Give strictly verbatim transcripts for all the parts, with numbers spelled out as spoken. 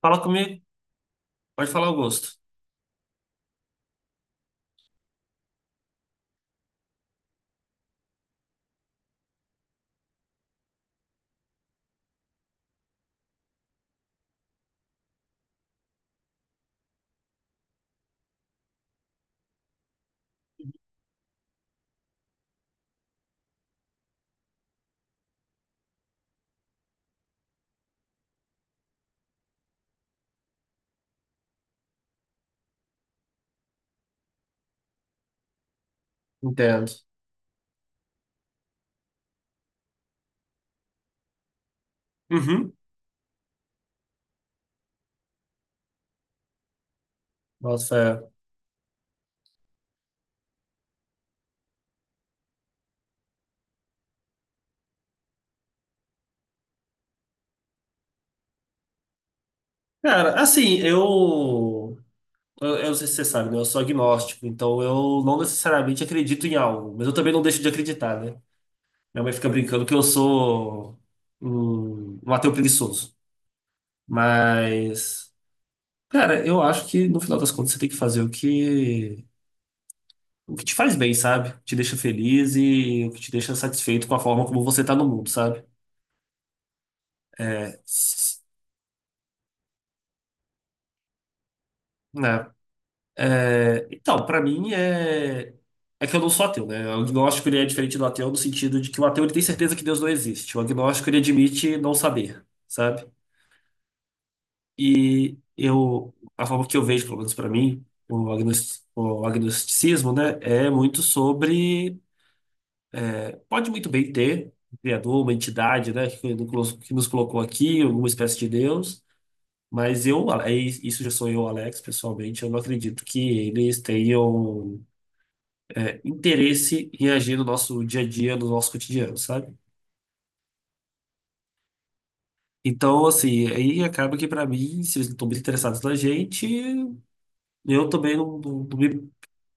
Fala comigo. Pode falar, Augusto. Entendo. Uhum. Nossa, fé. Cara, assim, eu, eu, eu não sei se você sabe, né? Eu sou agnóstico, então eu não necessariamente acredito em algo, mas eu também não deixo de acreditar, né? Minha mãe fica brincando que eu sou um, um ateu preguiçoso. Mas, cara, eu acho que no final das contas você tem que fazer o que, o que te faz bem, sabe? O que te deixa feliz e o que te deixa satisfeito com a forma como você tá no mundo, sabe? Né? É, então, pra mim é é que eu não sou ateu, né? O agnóstico ele é diferente do ateu no sentido de que o ateu ele tem certeza que Deus não existe. O agnóstico ele admite não saber, sabe? E eu a forma que eu vejo, pelo menos pra mim, o agnos- o agnosticismo, né, é muito sobre pode muito bem ter um criador, uma entidade, né, que nos que nos colocou aqui, alguma espécie de Deus. Mas eu, aí, isso já sou eu, Alex, pessoalmente, eu não acredito que eles tenham é, interesse em agir no nosso dia a dia, no nosso cotidiano, sabe? Então, assim, aí acaba que pra mim, se eles não estão muito interessados na gente, eu também não, não- não me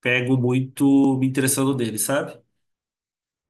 pego muito me interessando neles, sabe?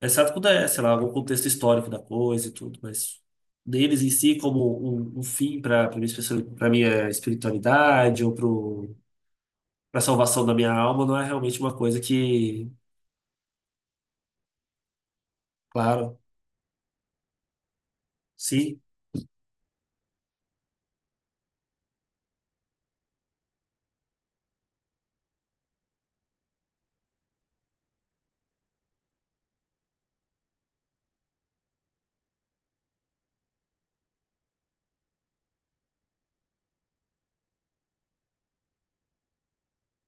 Exceto quando é, sei lá, algum contexto histórico da coisa e tudo, mas deles em si como um, um fim para para minha, especial- pra minha espiritualidade ou pro, pra salvação da minha alma, não é realmente uma coisa que... Claro, sim,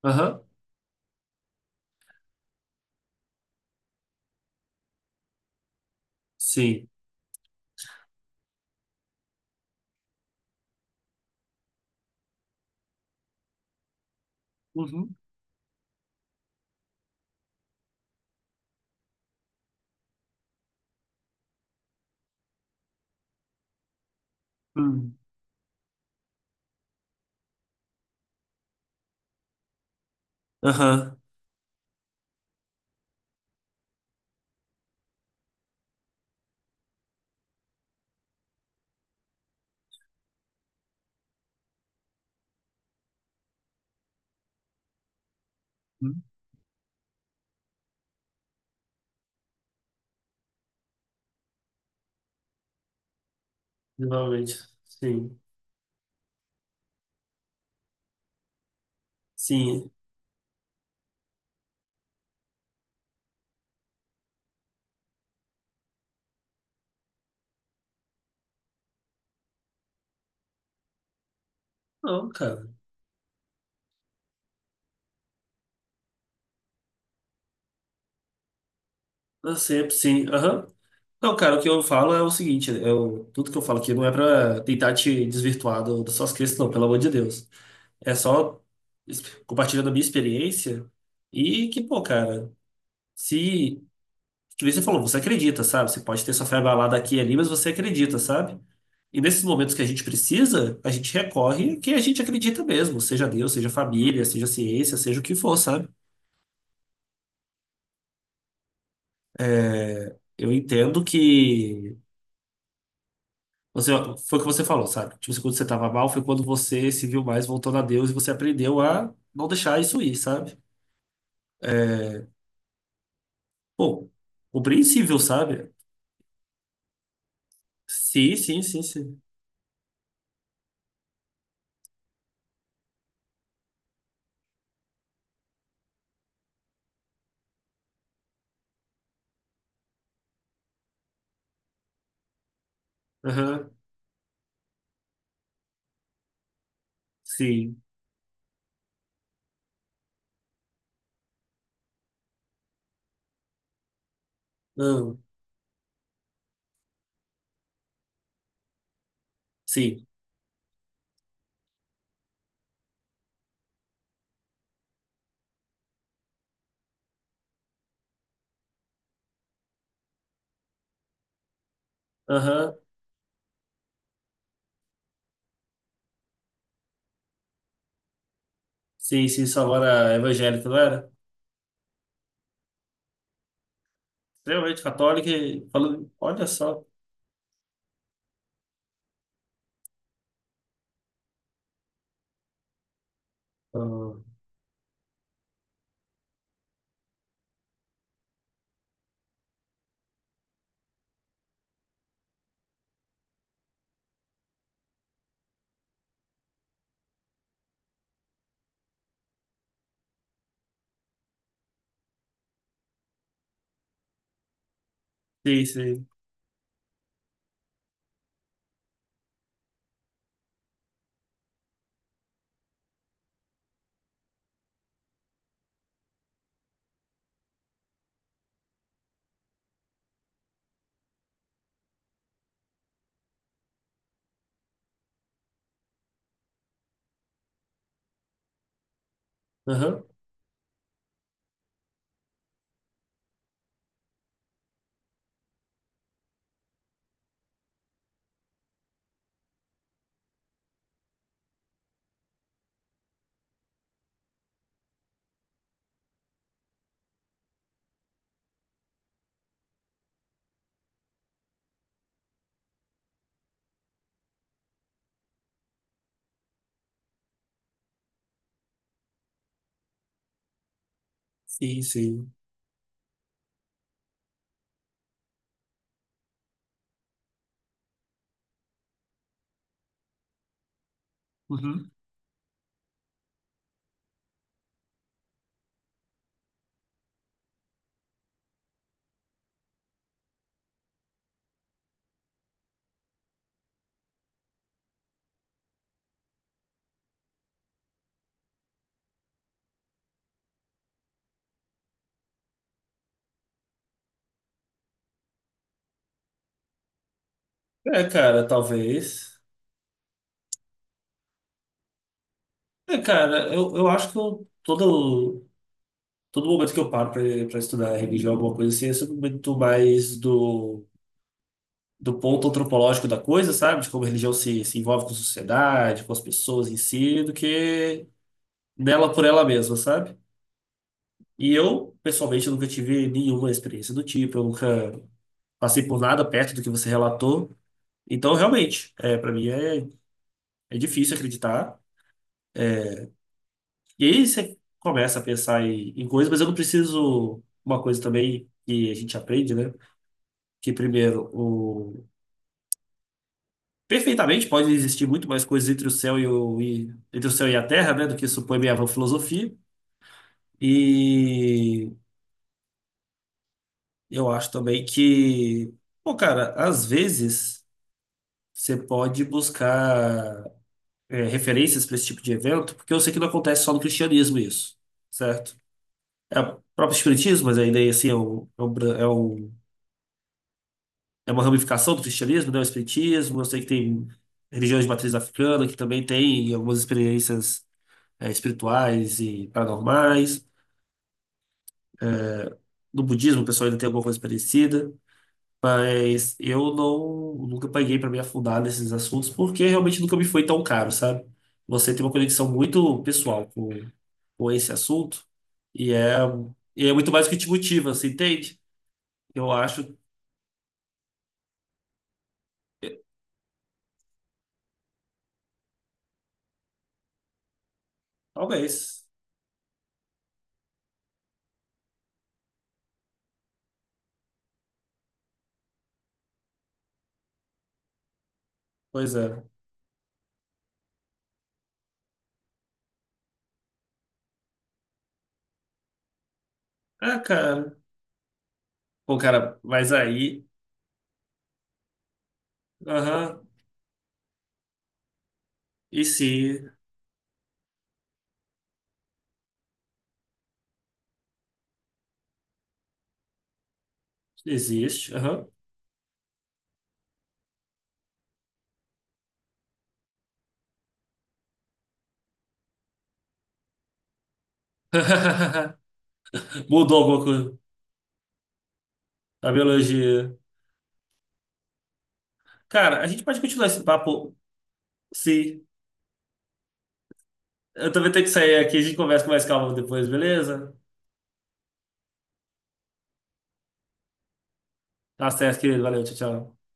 aham, sim, uhum, hum, aham. Normalmente, sim. Sim. Não, cara. Eu sempre, sim. Aham. Não, cara, o que eu falo é o seguinte, eu, tudo que eu falo aqui não é pra tentar te desvirtuar do- das suas crenças, não, pelo amor de Deus. É só es- compartilhando a minha experiência e que, pô, cara, se, que nem você falou, você acredita, sabe? Você pode ter sua fé abalada aqui e ali, mas você acredita, sabe? E nesses momentos que a gente precisa, a gente recorre a quem a gente acredita mesmo, seja Deus, seja família, seja ciência, seja o que for, sabe? Eu entendo que você foi o que você falou, sabe? Tipo, assim, quando você tava mal, foi quando você se viu mais voltando a Deus e você aprendeu a não deixar isso ir, sabe? Pô, compreensível, sabe? Sim, sim, sim, sim. Aham, sim. Hum, sim. Aham, sim, sim. Sua avó era evangélica, não era? Extremamente católica e falando, olha só. Ah, sim, sim. Aham, sim, sim. Uhum. É, cara, talvez. É, cara, eu, eu acho que eu, todo todo momento que eu paro para estudar religião, alguma coisa assim, é sempre muito mais do, do ponto antropológico da coisa, sabe? De como a religião se, se envolve com a sociedade, com as pessoas em si, do que nela por ela mesma, sabe? E eu, pessoalmente, eu nunca tive nenhuma experiência do tipo, eu nunca passei por nada perto do que você relatou. Então, realmente, é, para mim é, é difícil acreditar. E aí você começa a pensar em, em coisas, mas eu não preciso. Uma coisa também que a gente aprende, né? Que primeiro, o... Perfeitamente, pode existir muito mais coisas entre o céu e, o, e- entre o céu e a terra, né, do que supõe minha vã filosofia. E eu acho também que, pô, cara, às vezes você pode buscar é, referências para esse tipo de evento, porque eu sei que não acontece só no cristianismo isso, certo? É o próprio espiritismo, mas ainda assim é, um, é, um bra- é um- é uma ramificação do cristianismo, né? O espiritismo, eu sei que tem religiões de matriz africana que também tem algumas experiências eh, espirituais e paranormais. No budismo, o pessoal ainda tem alguma coisa parecida, mas eu não nunca paguei para me afundar nesses assuntos porque realmente nunca me foi tão caro, sabe? Você tem uma conexão muito pessoal com, com esse assunto e é, e é muito mais que te motiva, você entende? Eu acho, talvez. Pois é. Ah, cara. Pô, cara, mas aí. Aham. E se Existe? Aham. Mudou alguma coisa. A biologia. Cara, a gente pode continuar esse papo se. Eu também tenho que sair aqui, a gente conversa com mais calma depois, beleza? Tá certo, querido. Valeu, tchau, tchau.